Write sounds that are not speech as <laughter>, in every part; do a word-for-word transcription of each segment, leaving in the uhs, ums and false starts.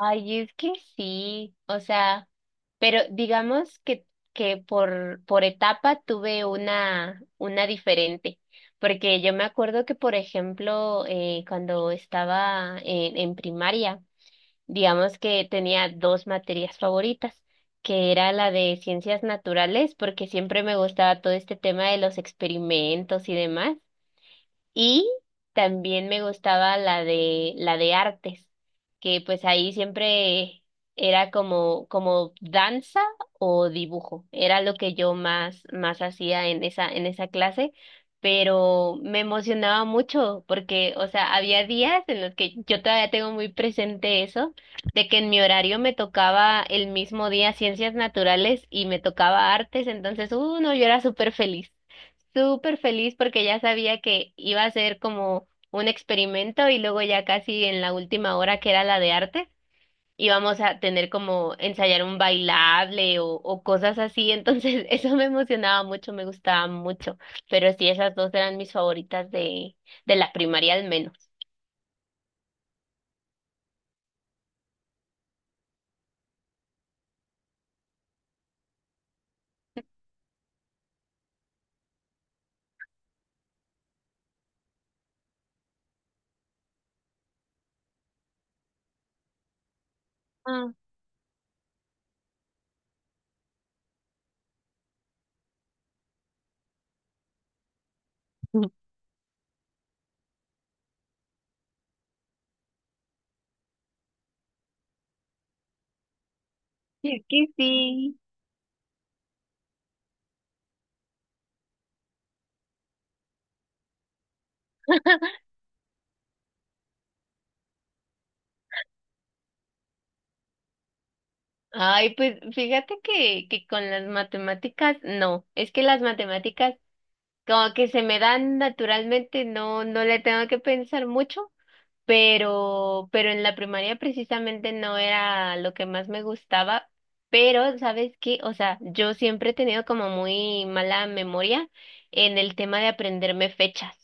Ay, es que sí, o sea, pero digamos que, que por, por etapa tuve una, una diferente, porque yo me acuerdo que, por ejemplo, eh, cuando estaba en, en primaria, digamos que tenía dos materias favoritas, que era la de ciencias naturales, porque siempre me gustaba todo este tema de los experimentos y demás. Y también me gustaba la de la de artes, que pues ahí siempre era como como danza o dibujo. Era lo que yo más más hacía en esa en esa clase, pero me emocionaba mucho porque, o sea, había días en los que yo todavía tengo muy presente eso, de que en mi horario me tocaba el mismo día ciencias naturales y me tocaba artes, entonces, uno, yo era súper feliz súper feliz porque ya sabía que iba a ser como un experimento y luego ya casi en la última hora que era la de arte íbamos a tener como ensayar un bailable o, o cosas así, entonces <laughs> eso me emocionaba mucho, me gustaba mucho, pero sí, esas dos eran mis favoritas de, de la primaria al menos. Ah, es que sí. <laughs> Ay, pues fíjate que, que con las matemáticas, no, es que las matemáticas como que se me dan naturalmente, no, no le tengo que pensar mucho, pero, pero en la primaria precisamente no era lo que más me gustaba, pero ¿sabes qué? O sea, yo siempre he tenido como muy mala memoria en el tema de aprenderme fechas.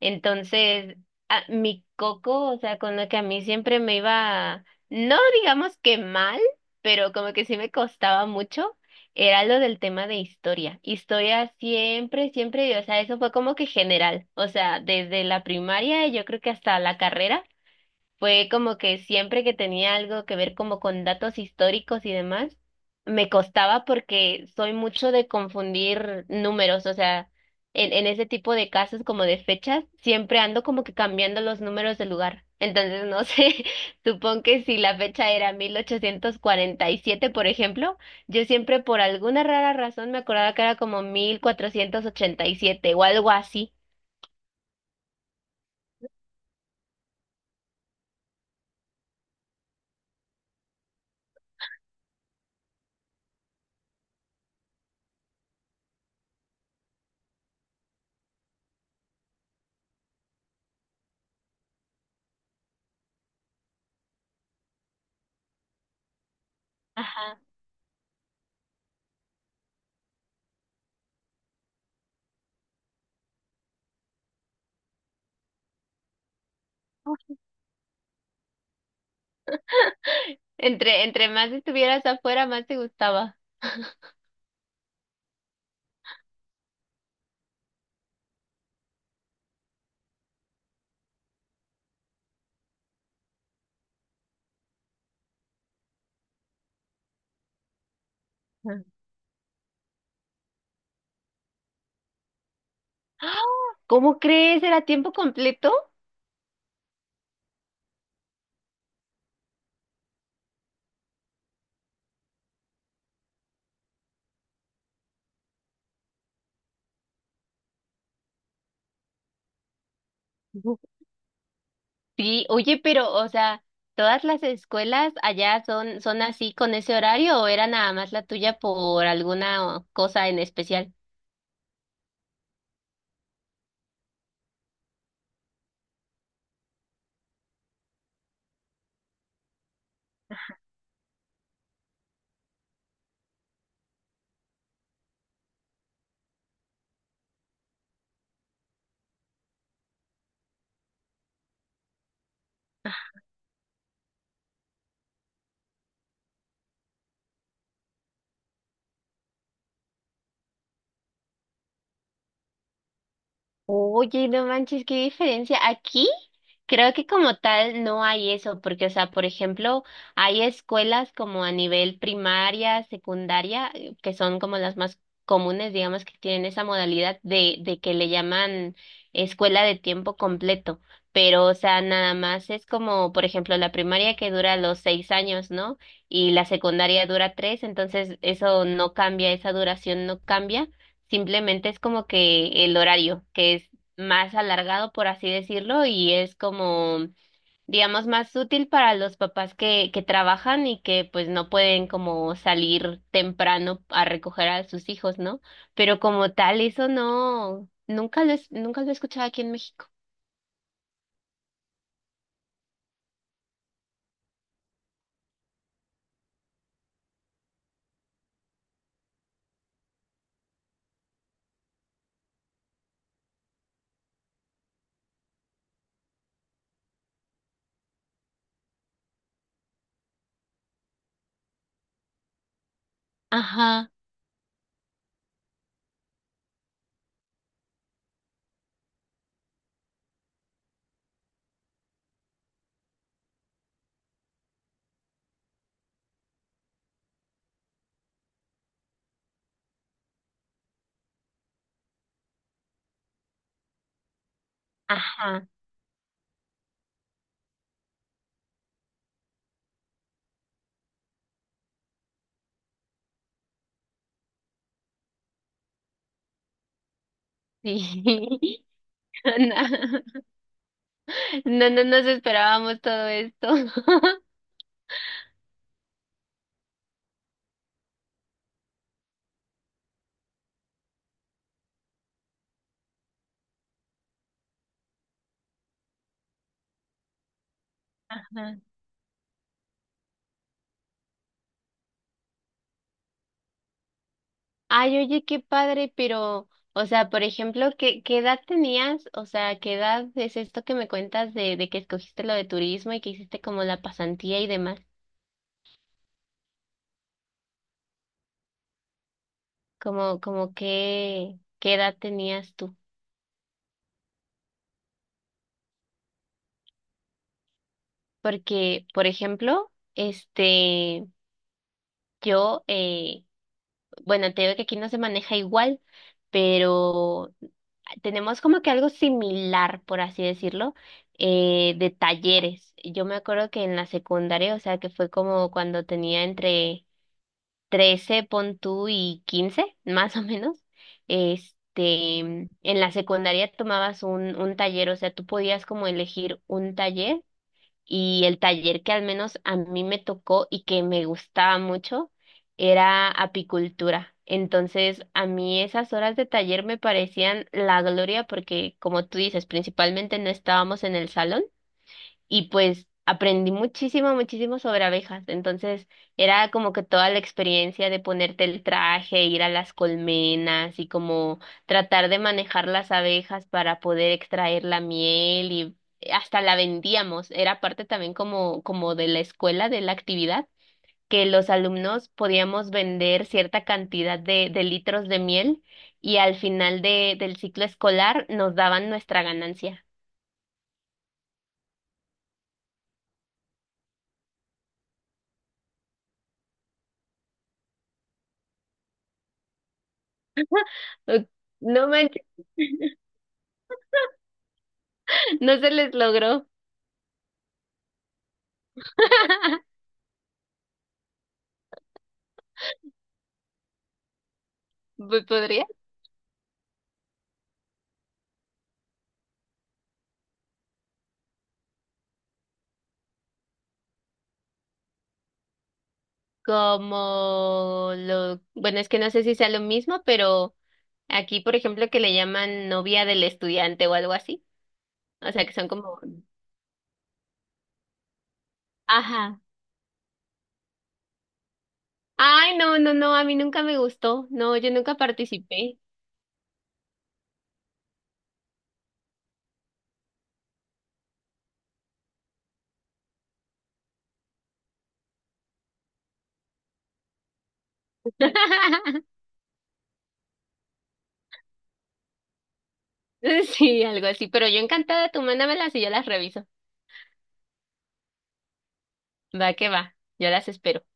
Entonces, a- mi coco, o sea, con lo que a mí siempre me iba, no digamos que mal, pero como que sí me costaba mucho era lo del tema de historia. Historia siempre, siempre, o sea, eso fue como que general, o sea, desde la primaria, yo creo que hasta la carrera. Fue como que siempre que tenía algo que ver como con datos históricos y demás, me costaba porque soy mucho de confundir números, o sea, en, en ese tipo de casos como de fechas, siempre ando como que cambiando los números de lugar. Entonces, no sé, <laughs> supongo que si la fecha era mil ochocientos cuarenta y siete, por ejemplo, yo siempre por alguna rara razón me acordaba que era como mil cuatrocientos ochenta y siete o algo así. Ajá. Entre, entre más estuvieras afuera, más te gustaba. <gasps> ¡Ah! ¿Cómo crees? ¿Era tiempo completo? Ujú. Sí, oye, pero, o sea, ¿todas las escuelas allá son, son así con ese horario o era nada más la tuya por alguna cosa en especial? Oye, no manches, qué diferencia. Aquí creo que como tal no hay eso, porque, o sea, por ejemplo, hay escuelas como a nivel primaria, secundaria, eh, que son como las más comunes, digamos, que tienen esa modalidad de, de que le llaman escuela de tiempo completo. Pero, o sea, nada más es como, por ejemplo, la primaria que dura los seis años, ¿no? Y la secundaria dura tres, entonces eso no cambia, esa duración no cambia. Simplemente es como que el horario, que es más alargado, por así decirlo, y es como, digamos, más útil para los papás que, que trabajan y que pues no pueden como salir temprano a recoger a sus hijos, ¿no? Pero como tal, eso no, nunca lo, es- nunca lo he escuchado aquí en México. Ajá, ajá, sí. <laughs> No, no, no nos esperábamos todo esto. <laughs> Ay, oye, qué padre, pero, o sea, por ejemplo, ¿qué, qué edad tenías? O sea, ¿qué edad es esto que me cuentas de, de que escogiste lo de turismo y que hiciste como la pasantía y demás? Como, como qué, qué edad tenías tú? Porque, por ejemplo, este, yo, eh, bueno, te digo que aquí no se maneja igual, pero tenemos como que algo similar, por así decirlo, eh, de talleres. Yo me acuerdo que en la secundaria, o sea, que fue como cuando tenía entre trece, pon tú, y quince <laughs> más o menos, este, en la secundaria tomabas un, un taller, o sea, tú podías como elegir un taller y el taller que al menos a mí me tocó y que me gustaba mucho era apicultura. Entonces, a mí esas horas de taller me parecían la gloria porque, como tú dices, principalmente no estábamos en el salón y pues aprendí muchísimo, muchísimo sobre abejas. Entonces era como que toda la experiencia de ponerte el traje, ir a las colmenas y como tratar de manejar las abejas para poder extraer la miel y hasta la vendíamos. Era parte también como, como de la escuela, de la actividad, que los alumnos podíamos vender cierta cantidad de, de litros de miel. Y al final de, del ciclo escolar nos daban nuestra ganancia. <laughs> No manches. No se les logró. <laughs> Pues, ¿podría? Como lo, bueno, es que no sé si sea lo mismo, pero aquí, por ejemplo, que le llaman novia del estudiante o algo así. O sea, que son como, ajá. Ay, no, no, no, a mí nunca me gustó. No, yo nunca participé. <laughs> Sí, algo así, pero yo encantada, tú mándamelas y yo las reviso. Va que va, yo las espero.